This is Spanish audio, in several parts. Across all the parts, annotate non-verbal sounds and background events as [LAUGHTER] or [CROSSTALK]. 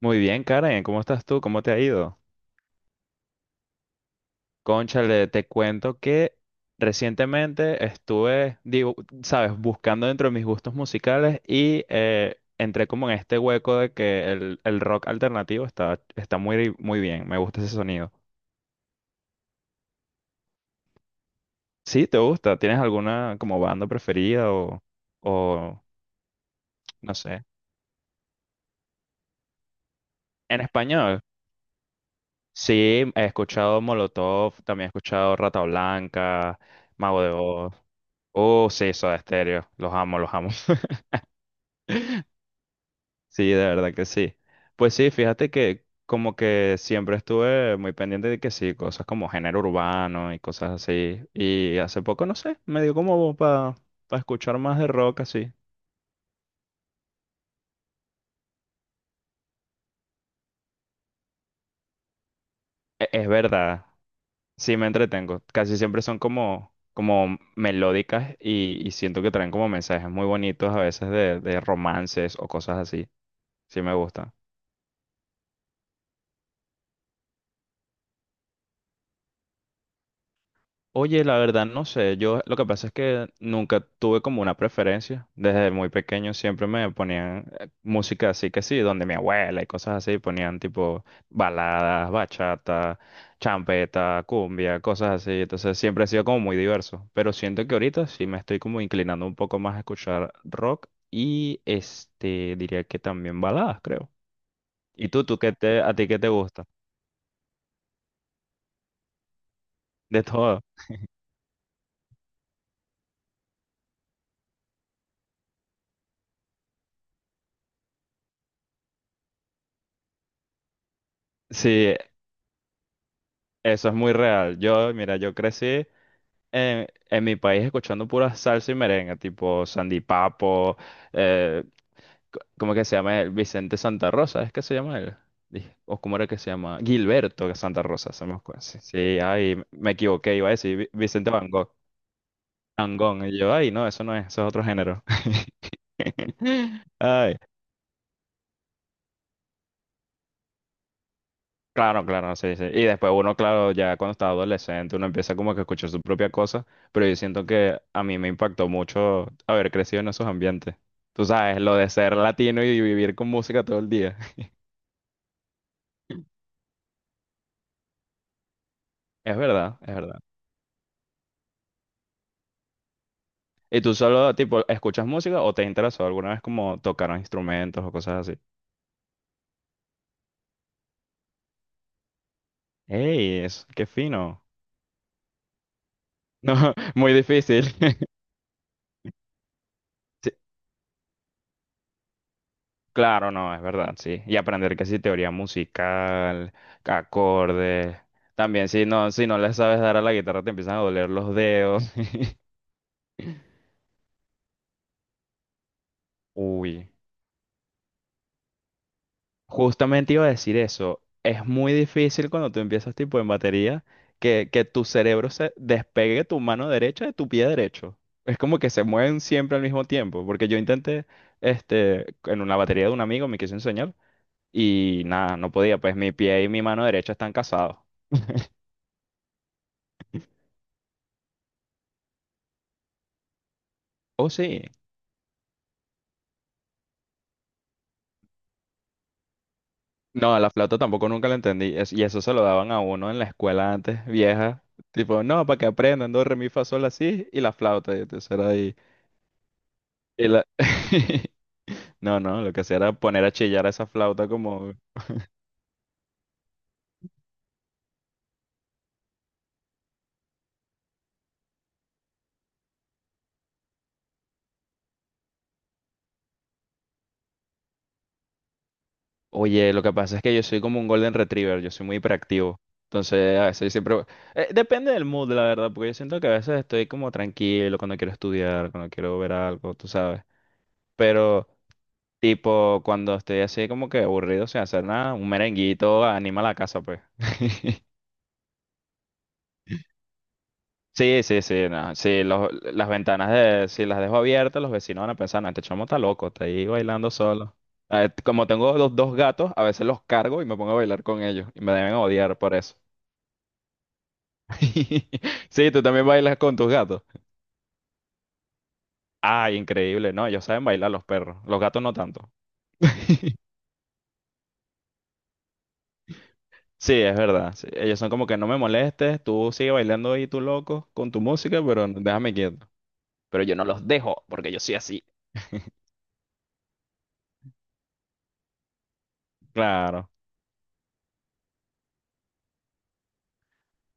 Muy bien, Karen, ¿cómo estás tú? ¿Cómo te ha ido? Cónchale, te cuento que recientemente estuve, digo, sabes, buscando dentro de mis gustos musicales y entré como en este hueco de que el rock alternativo está muy, muy bien, me gusta ese sonido. Sí, ¿te gusta? ¿Tienes alguna como banda preferida o no sé? En español, sí, he escuchado Molotov, también he escuchado Rata Blanca, Mago de Oz. Oh, sí, Soda Stereo. Los amo, los amo. [LAUGHS] Sí, de verdad que sí. Pues sí, fíjate que como que siempre estuve muy pendiente de que sí, cosas como género urbano y cosas así. Y hace poco, no sé, me dio como para escuchar más de rock así. Es verdad, sí me entretengo. Casi siempre son como melódicas y siento que traen como mensajes muy bonitos a veces de romances o cosas así. Sí me gustan. Oye, la verdad no sé, yo lo que pasa es que nunca tuve como una preferencia. Desde muy pequeño siempre me ponían música así que sí, donde mi abuela y cosas así ponían tipo baladas, bachata, champeta, cumbia, cosas así. Entonces siempre he sido como muy diverso, pero siento que ahorita sí me estoy como inclinando un poco más a escuchar rock y este diría que también baladas, creo. ¿Y tú qué a ti qué te gusta? De todo. Sí, eso es muy real. Yo, mira, yo crecí en mi país escuchando pura salsa y merengue, tipo Sandy Papo, eh, ¿cómo que se llama él? Vicente Santa Rosa, ¿es que se llama él? Dije, ¿o cómo era que se llama? Gilberto Santa Rosa, se me ocurre. Sí, sí, ay, me equivoqué, iba a decir Vicente Van Gogh, Van Gogh, y yo, ay, no, eso no es, eso es otro género. [LAUGHS] Ay, claro, claro, sí, sí. Y después uno, claro, ya cuando está adolescente, uno empieza como que a escuchar su propia cosa, pero yo siento que a mí me impactó mucho haber crecido en esos ambientes. Tú sabes, lo de ser latino y vivir con música todo el día. [LAUGHS] Es verdad, es verdad. ¿Y tú solo, tipo, escuchas música o te interesó alguna vez como tocar instrumentos o cosas así? ¡Ey! Es, ¡qué fino! [LAUGHS] No, muy difícil. [LAUGHS] Claro, no, es verdad, sí. Y aprender que sí, teoría musical, acordes. También, si no, si no le sabes dar a la guitarra, te empiezan a doler los dedos. [LAUGHS] Uy, justamente iba a decir eso. Es muy difícil cuando tú empiezas tipo en batería que tu cerebro se despegue tu mano derecha de tu pie derecho. Es como que se mueven siempre al mismo tiempo. Porque yo intenté, este, en una batería de un amigo me quiso enseñar y nada, no podía. Pues mi pie y mi mano derecha están casados. Oh, sí. No, la flauta tampoco nunca la entendí. Es- y eso se lo daban a uno en la escuela antes, vieja. Tipo, no, para que aprendan, do, re, mi, fa, sol, así. Y la flauta, y entonces era ahí. Y la... [LAUGHS] No, no, lo que hacía era poner a chillar a esa flauta como... Oye, lo que pasa es que yo soy como un golden retriever, yo soy muy hiperactivo. Entonces, a veces siempre... depende del mood, la verdad, porque yo siento que a veces estoy como tranquilo cuando quiero estudiar, cuando quiero ver algo, tú sabes. Pero... Tipo, cuando estoy así como que aburrido sin hacer nada, un merenguito anima la casa, pues. [LAUGHS] Sí, sí, sí, no. Sí, las ventanas de, si las dejo abiertas, los vecinos van a pensar, no, este chamo está loco, está ahí bailando solo. A ver, como tengo los dos gatos, a veces los cargo y me pongo a bailar con ellos. Y me deben odiar por eso. [LAUGHS] Sí, tú también bailas con tus gatos. Ay, increíble. No, ellos saben bailar los perros. Los gatos no tanto. [LAUGHS] Sí, es verdad. Sí, ellos son como que no me molestes, tú sigue bailando ahí tú loco con tu música, pero déjame quieto. Pero yo no los dejo porque yo soy así. Claro.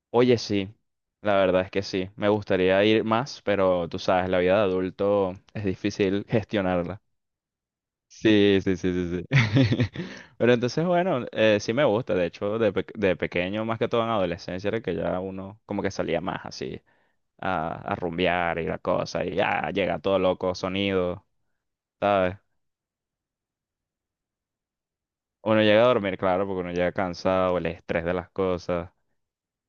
Oye, sí, la verdad es que sí. Me gustaría ir más, pero tú sabes, la vida de adulto es difícil [LAUGHS] gestionarla. Sí, sí, sí, sí, sí. [LAUGHS] Pero entonces, bueno, sí me gusta. De hecho, de, de pequeño, más que todo en adolescencia, era que ya uno como que salía más así a rumbear y la cosa, y ya llega todo loco, sonido, ¿sabes? Uno llega a dormir, claro, porque uno llega cansado, el estrés de las cosas.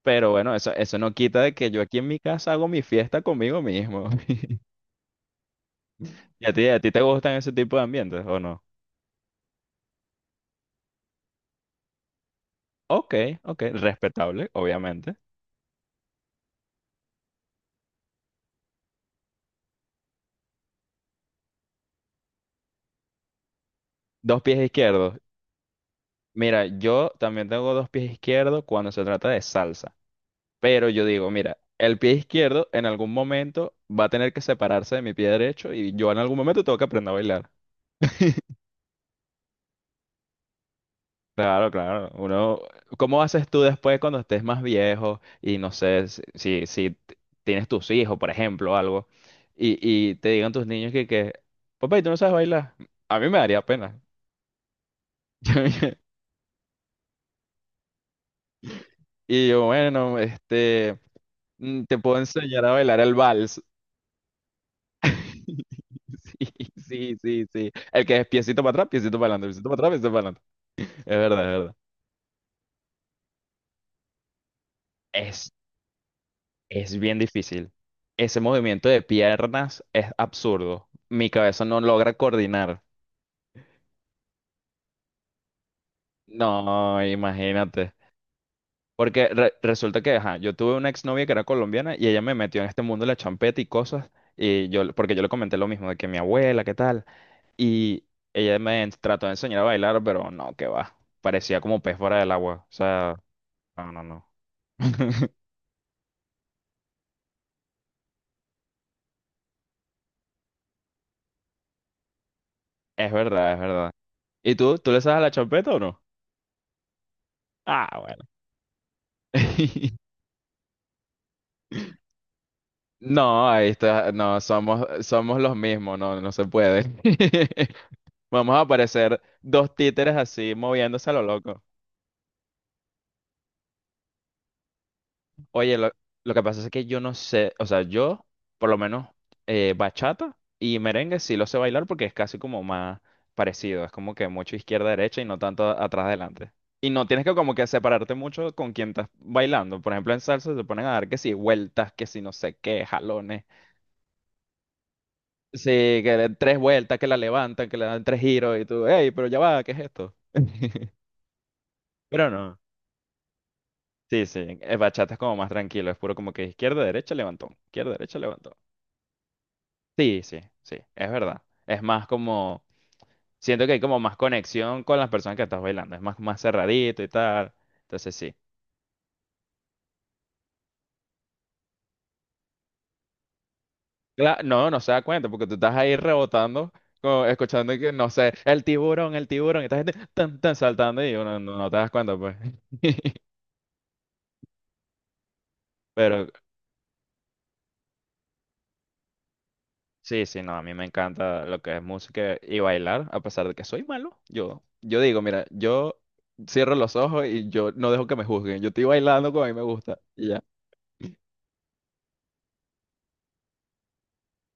Pero bueno, eso no quita de que yo aquí en mi casa hago mi fiesta conmigo mismo. [LAUGHS] ¿Y a ti te gustan ese tipo de ambientes o no? Ok, ok, respetable, obviamente. Dos pies izquierdos. Mira, yo también tengo dos pies izquierdos cuando se trata de salsa. Pero yo digo, mira, el pie izquierdo en algún momento va a tener que separarse de mi pie derecho y yo en algún momento tengo que aprender a bailar. [LAUGHS] Claro, claro. Uno, ¿cómo haces tú después cuando estés más viejo y no sé si tienes tus hijos, por ejemplo, o algo, y, y te digan tus niños papá, ¿y tú no sabes bailar? A mí me daría pena. [LAUGHS] Y yo, bueno, este, te puedo enseñar a bailar el vals. [LAUGHS] Sí, sí, sí, sí. El que es piecito para atrás, piecito para adelante, piecito para atrás, piecito para adelante. Es verdad, es verdad. Es bien difícil. Ese movimiento de piernas es absurdo. Mi cabeza no logra coordinar. No, imagínate. Porque resulta que, ajá, yo tuve una exnovia que era colombiana y ella me metió en este mundo de la champeta y cosas. Y yo, porque yo le comenté lo mismo, de que mi abuela, ¿qué tal? Y ella trató de enseñar a bailar, pero no, que va. Parecía como pez fuera del agua. O sea, no, no, no. [LAUGHS] Es verdad, es verdad. ¿Y tú? ¿Tú le sabes a la champeta o no? Ah, bueno. [LAUGHS] No, ahí está, no, somos, somos los mismos, no, no se puede. [LAUGHS] Vamos a aparecer dos títeres así moviéndose a lo loco. Oye, lo que pasa es que yo no sé, o sea, yo por lo menos bachata y merengue sí lo sé bailar porque es casi como más parecido, es como que mucho izquierda-derecha y no tanto atrás-adelante. Y no tienes que como que separarte mucho con quien estás bailando. Por ejemplo, en salsa se ponen a dar que si vueltas, que si no sé qué, jalones. Sí, que den tres vueltas, que la levantan, que le dan tres giros y tú, hey, pero ya va, ¿qué es esto? [LAUGHS] Pero no. Sí, sí, el bachata es como más tranquilo, es puro como que izquierda, derecha, levantón, izquierda, derecha, levantón. Sí, sí, sí, es verdad. Es más como, siento que hay como más conexión con las personas que estás bailando, es más, más cerradito y tal. Entonces sí. No, no se da cuenta porque tú estás ahí rebotando, como escuchando que, no sé, el tiburón, y esta gente tan saltando y uno no te das cuenta, pues. [LAUGHS] Pero sí, sí, no, a mí me encanta lo que es música y bailar, a pesar de que soy malo. Yo digo, mira, yo cierro los ojos y yo no dejo que me juzguen. Yo estoy bailando como a mí me gusta y ya.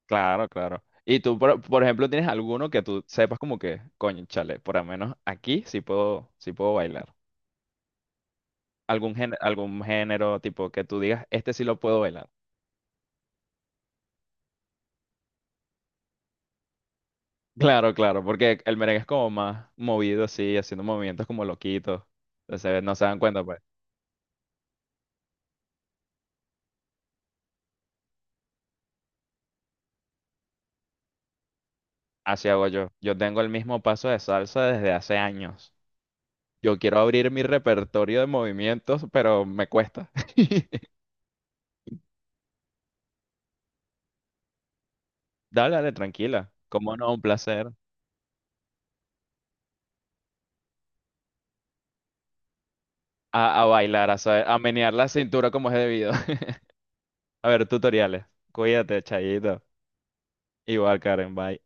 Claro, claro. Y tú, por ejemplo, tienes alguno que tú sepas como que, coño, chale, por lo menos aquí sí puedo bailar. Algún género tipo que tú digas, este sí lo puedo bailar. Claro, claro, porque el merengue es como más movido, así, haciendo movimientos como loquitos. Entonces no se dan cuenta, pues. Así hago yo. Yo tengo el mismo paso de salsa desde hace años. Yo quiero abrir mi repertorio de movimientos, pero me cuesta. [LAUGHS] Dale, dale, tranquila. Cómo no, un placer. A bailar, a saber, a menear la cintura como es debido. [LAUGHS] A ver, tutoriales. Cuídate, Chayito. Igual, Karen, bye.